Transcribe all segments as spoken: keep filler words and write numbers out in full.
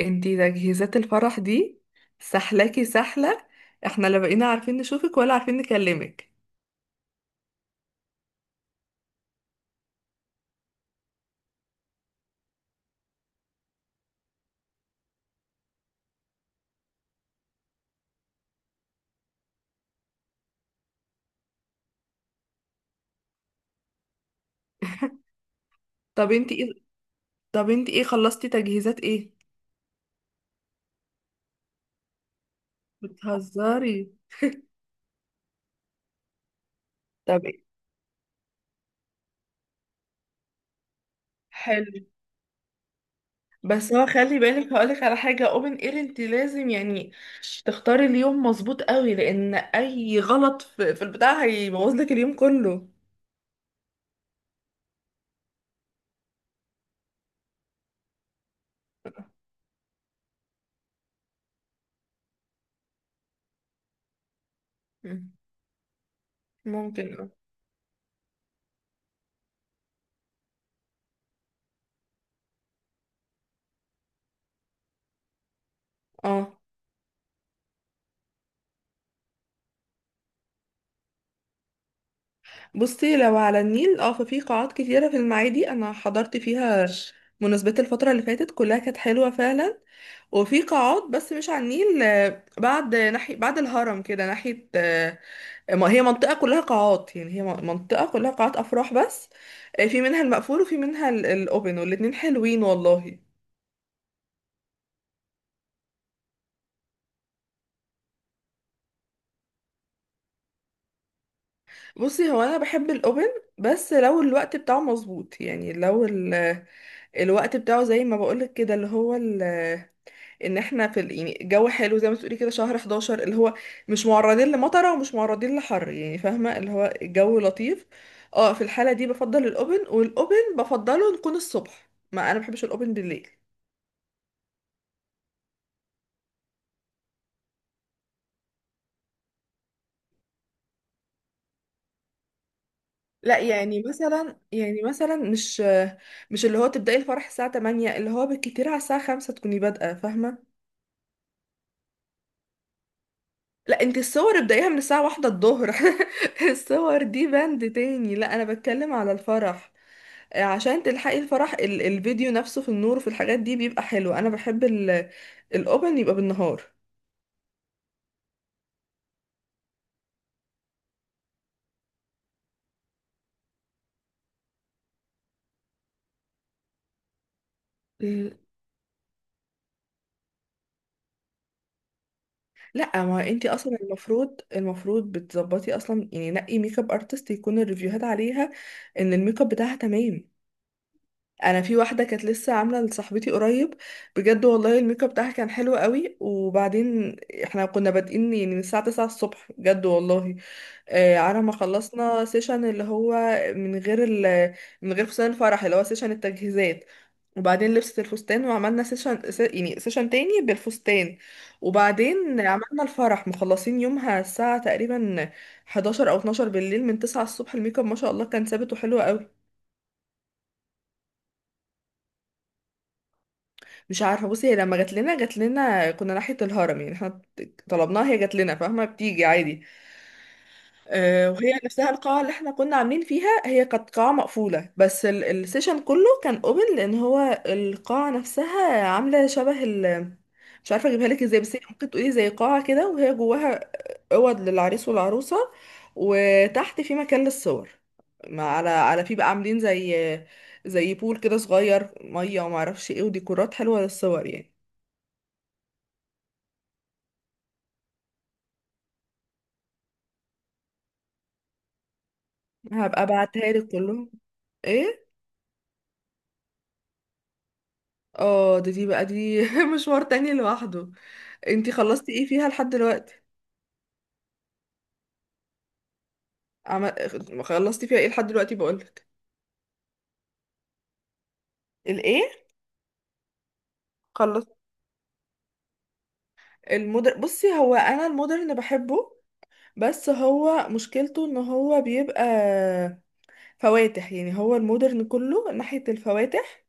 انتي تجهيزات الفرح دي سحلاكي سحلة. احنا لا بقينا عارفين نشوفك ولا عارفين نكلمك. طب انتي ايه؟ طب انتي ايه خلصتي تجهيزات ايه؟ بتهزري؟ طب ايه، حلو. بس هو خلي بالك، هقولك على حاجة. اوبن اير انتي لازم يعني تختاري اليوم مظبوط قوي، لان اي غلط في, في البتاع هيبوظلك اليوم كله. مم. ممكن اه. اه، بصي، لو على النيل اه ففي قاعات كتيرة في المعادي، انا حضرت فيها مناسبات الفترة اللي فاتت كلها، كانت حلوة فعلا. وفي قاعات بس مش على النيل، آه، بعد ناحية بعد الهرم كده ناحية، آه، ما هي منطقة كلها قاعات، يعني هي منطقة كلها قاعات أفراح بس. آه، في منها المقفول وفي منها ال- الأوبن، والاتنين حلوين والله. بصي هو أنا بحب الأوبن، بس لو الوقت بتاعه مظبوط، يعني لو ال- الوقت بتاعه زي ما بقولك كده، اللي هو ان احنا في ال- يعني جو حلو زي ما تقولي كده، شهر احداشر اللي هو مش معرضين لمطره ومش معرضين لحر، يعني فاهمه اللي هو الجو لطيف. اه، في الحاله دي بفضل الاوبن، والاوبن بفضله نكون الصبح، ما انا بحبش الاوبن بالليل. لا يعني مثلا، يعني مثلا، مش مش اللي هو تبداي الفرح الساعه تمانية، اللي هو بالكتير على الساعه خمسة تكوني بادئه، فاهمه. لا، انت الصور ابدايها من الساعه واحده الظهر الصور دي بند تاني، لا انا بتكلم على الفرح. عشان تلحقي الفرح ال- الفيديو نفسه في النور وفي الحاجات دي بيبقى حلو. انا بحب ال- الاوبن يبقى بالنهار. مم. لا، ما انتي اصلا المفروض، المفروض بتظبطي اصلا يعني، نقي ميك اب ارتست يكون الريفيوهات عليها ان الميك اب بتاعها تمام. انا في واحده كانت لسه عامله لصاحبتي قريب، بجد والله الميك اب بتاعها كان حلو قوي. وبعدين احنا كنا بادئين يعني من الساعه تسعة الصبح، بجد والله، آه، على ما خلصنا سيشن اللي هو من غير ال من غير فستان الفرح، اللي هو سيشن التجهيزات. وبعدين لبسة الفستان وعملنا سيشن س- يعني سيشن تاني بالفستان. وبعدين عملنا الفرح، مخلصين يومها الساعة تقريبا حداشر او اتناشر بالليل، من تسعة الصبح الميك اب ما شاء الله كان ثابت وحلو قوي. مش عارفة، بصي هي لما جات لنا، جات لنا كنا ناحية الهرم، يعني احنا طلبناها هي جات لنا، فاهمة بتيجي عادي. آه، وهي نفسها القاعة اللي احنا كنا عاملين فيها هي كانت قاعة مقفولة، بس ال- السيشن كله كان اوبن، لان هو القاعة نفسها عاملة شبه ال. مش عارفة اجيبها لك ازاي، بس هي ممكن تقولي زي قاعة كده، وهي جواها اوض للعريس والعروسة، وتحت في مكان للصور. ما على على في بقى عاملين زي زي بول كده صغير مية، وما اعرفش ايه، وديكورات حلوة للصور يعني. هبقى ابعتها لك كلهم. ايه؟ اه، ده دي بقى دي مشوار تاني لوحده. انتي خلصتي ايه فيها لحد دلوقتي؟ عم... خلصتي فيها ايه لحد دلوقتي بقولك. الايه؟ خلصت المودر بصي هو انا المودرن بحبه، بس هو مشكلته ان هو بيبقى فواتح، يعني هو المودرن كله ناحية الفواتح،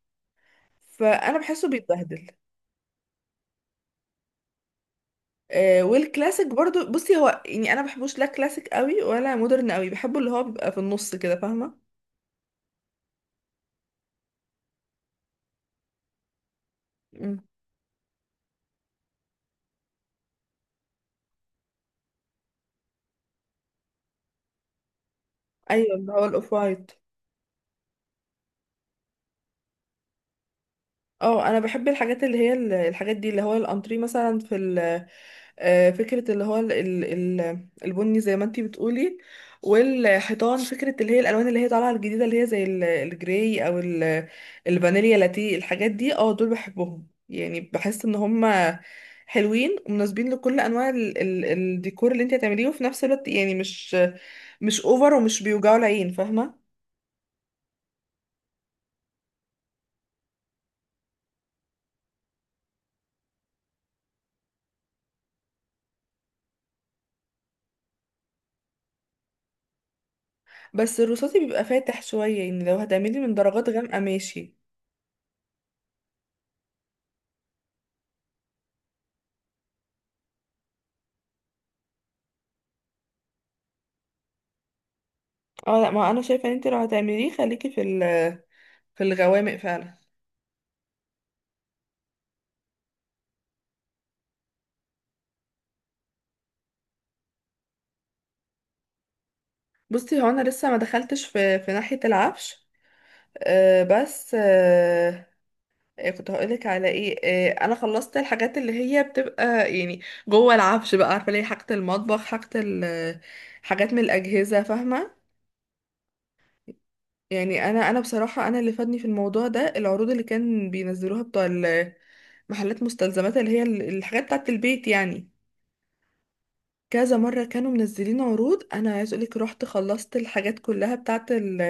فانا بحسه بيتبهدل. آه، والكلاسيك برضو، بصي هو يعني انا بحبوش لا كلاسيك قوي ولا مودرن قوي، بحبه اللي هو بيبقى في النص كده، فاهمة. مم. ايوه اللي هو الاوف وايت. اه انا بحب الحاجات اللي هي ال- الحاجات دي، اللي هو الانتري مثلا في ال- آه، فكرة اللي هو ال- ال- ال- البني زي ما انتي بتقولي، والحيطان فكرة اللي هي الالوان اللي هي طالعة الجديدة، اللي هي زي ال- الجراي او ال- الفانيليا لاتيه، الحاجات دي اه، دول بحبهم يعني، بحس ان هما حلوين ومناسبين لكل انواع ال ال الديكور اللي انتي هتعمليه، وفي نفس الوقت يعني مش مش اوفر ومش بيوجعوا العين، فاهمة. بس الرصاصي بيبقى فاتح شوية، يعني لو هتعملي من درجات غامقة ماشي. اه لا، ما انا شايفه ان انت لو هتعمليه خليكي في ال- في الغوامق فعلا. بصي هو انا لسه ما دخلتش في في ناحيه العفش. أه بس أه، إيه كنت هقولك على ايه، أه انا خلصت الحاجات اللي هي بتبقى يعني جوه العفش بقى، عارفه ليه، حاجه المطبخ، حاجه ال- حاجات من الاجهزه، فاهمه. يعني انا انا بصراحه انا اللي فادني في الموضوع ده العروض اللي كان بينزلوها بتوع ال- محلات مستلزمات اللي هي ال- الحاجات بتاعه البيت يعني. كذا مرة كانوا منزلين عروض، أنا عايز أقولك رحت خلصت الحاجات كلها بتاعت ال-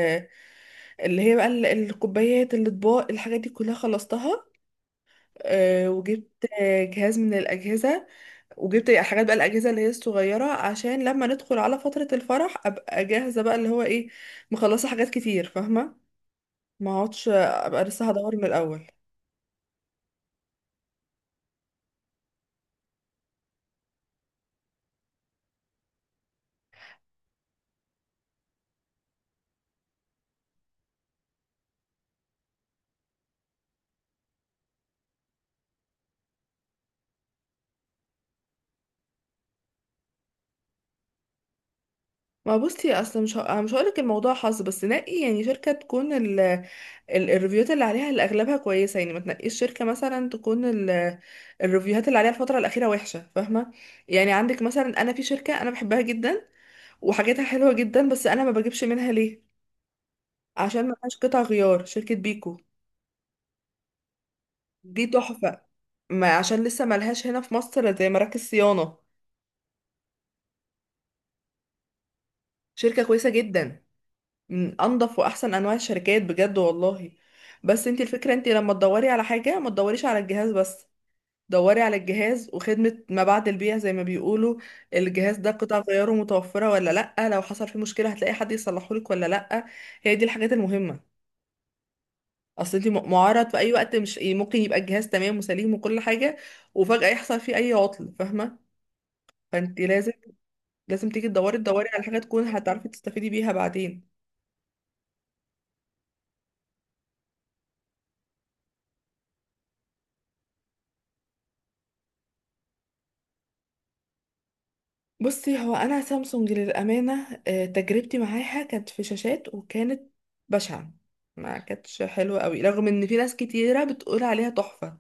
اللي هي بقى ال- الكوبايات، الأطباق، الحاجات دي كلها خلصتها. آه، وجبت آه، جهاز من الأجهزة، وجبت حاجات بقى الأجهزة اللي هي الصغيرة، عشان لما ندخل على فترة الفرح أبقى جاهزة بقى، اللي هو إيه، مخلصة حاجات كتير فاهمة. ما اقعدش أبقى لسه هدور من الأول. ما بصي اصل مش ه... أنا مش هقولك الموضوع حظ، بس نقي يعني شركة تكون ال- الريفيوهات اللي عليها اللي اغلبها كويسه، يعني ما تنقيش شركه مثلا تكون ال- الريفيوهات اللي عليها الفتره الاخيره وحشه، فاهمه. يعني عندك مثلا، انا في شركه انا بحبها جدا وحاجاتها حلوه جدا، بس انا ما بجيبش منها ليه؟ عشان ما فيهاش قطع غيار، شركه بيكو دي تحفه، ما عشان لسه ما لهاش هنا في مصر زي مراكز صيانه. شركه كويسه جدا، من انضف واحسن انواع الشركات بجد والله. بس انت الفكره، انت لما تدوري على حاجه ما تدوريش على الجهاز بس، دوري على الجهاز وخدمة ما بعد البيع زي ما بيقولوا. الجهاز ده قطع غياره متوفرة ولا لأ؟ لو حصل فيه مشكلة هتلاقي حد يصلحهولك ولا لأ؟ هي دي الحاجات المهمة. اصل انت م- معرض في اي وقت، مش ممكن يبقى الجهاز تمام وسليم وكل حاجة وفجأة يحصل فيه اي عطل، فاهمة. فانت لازم، لازم تيجي تدوري، تدوري على حاجة تكون هتعرفي تستفيدي بيها بعدين. بصي هو انا سامسونج للامانه، آه، تجربتي معاها كانت في شاشات وكانت بشعه، ما كانتش حلوه قوي، رغم ان في ناس كتيره بتقول عليها تحفه،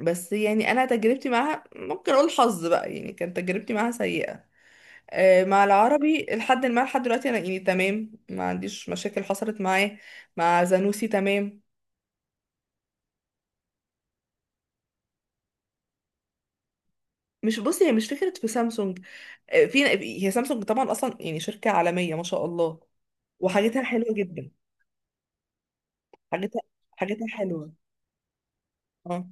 بس يعني انا تجربتي معاها ممكن اقول حظ بقى، يعني كانت تجربتي معاها سيئه. آه، مع العربي لحد ما لحد دلوقتي انا يعني تمام، ما عنديش مشاكل حصلت معاه. مع زانوسي تمام. مش بصي، هي مش فكره في سامسونج، آه، في، هي سامسونج طبعا اصلا يعني شركه عالميه ما شاء الله وحاجتها حلوه جدا. حاجتها حاجتها حلوة. اه،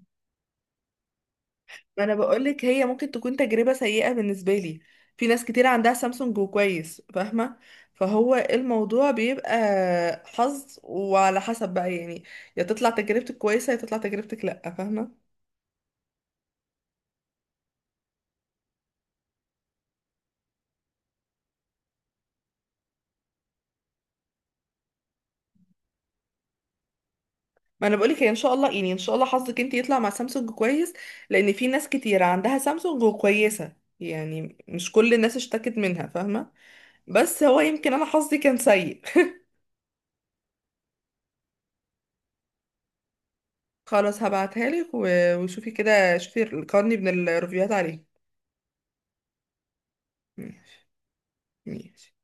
ما انا بقولك هي ممكن تكون تجربة سيئة بالنسبة لي، في ناس كتير عندها سامسونج وكويس، فاهمة. فهو الموضوع بيبقى حظ وعلى حسب بقى يعني، يا تطلع تجربتك كويسة يا تطلع تجربتك لأ، فاهمة. ما انا بقولك هي ان شاء الله، يعني ان شاء الله حظك انت يطلع مع سامسونج كويس، لان في ناس كتير عندها سامسونج وكويسة، يعني مش كل الناس اشتكت منها، فاهمة. بس هو يمكن انا حظي كان سيء. خلاص هبعتها لك، و- وشوفي كده، شوفي القرني من الريفيوهات عليه. ماشي. ماشي.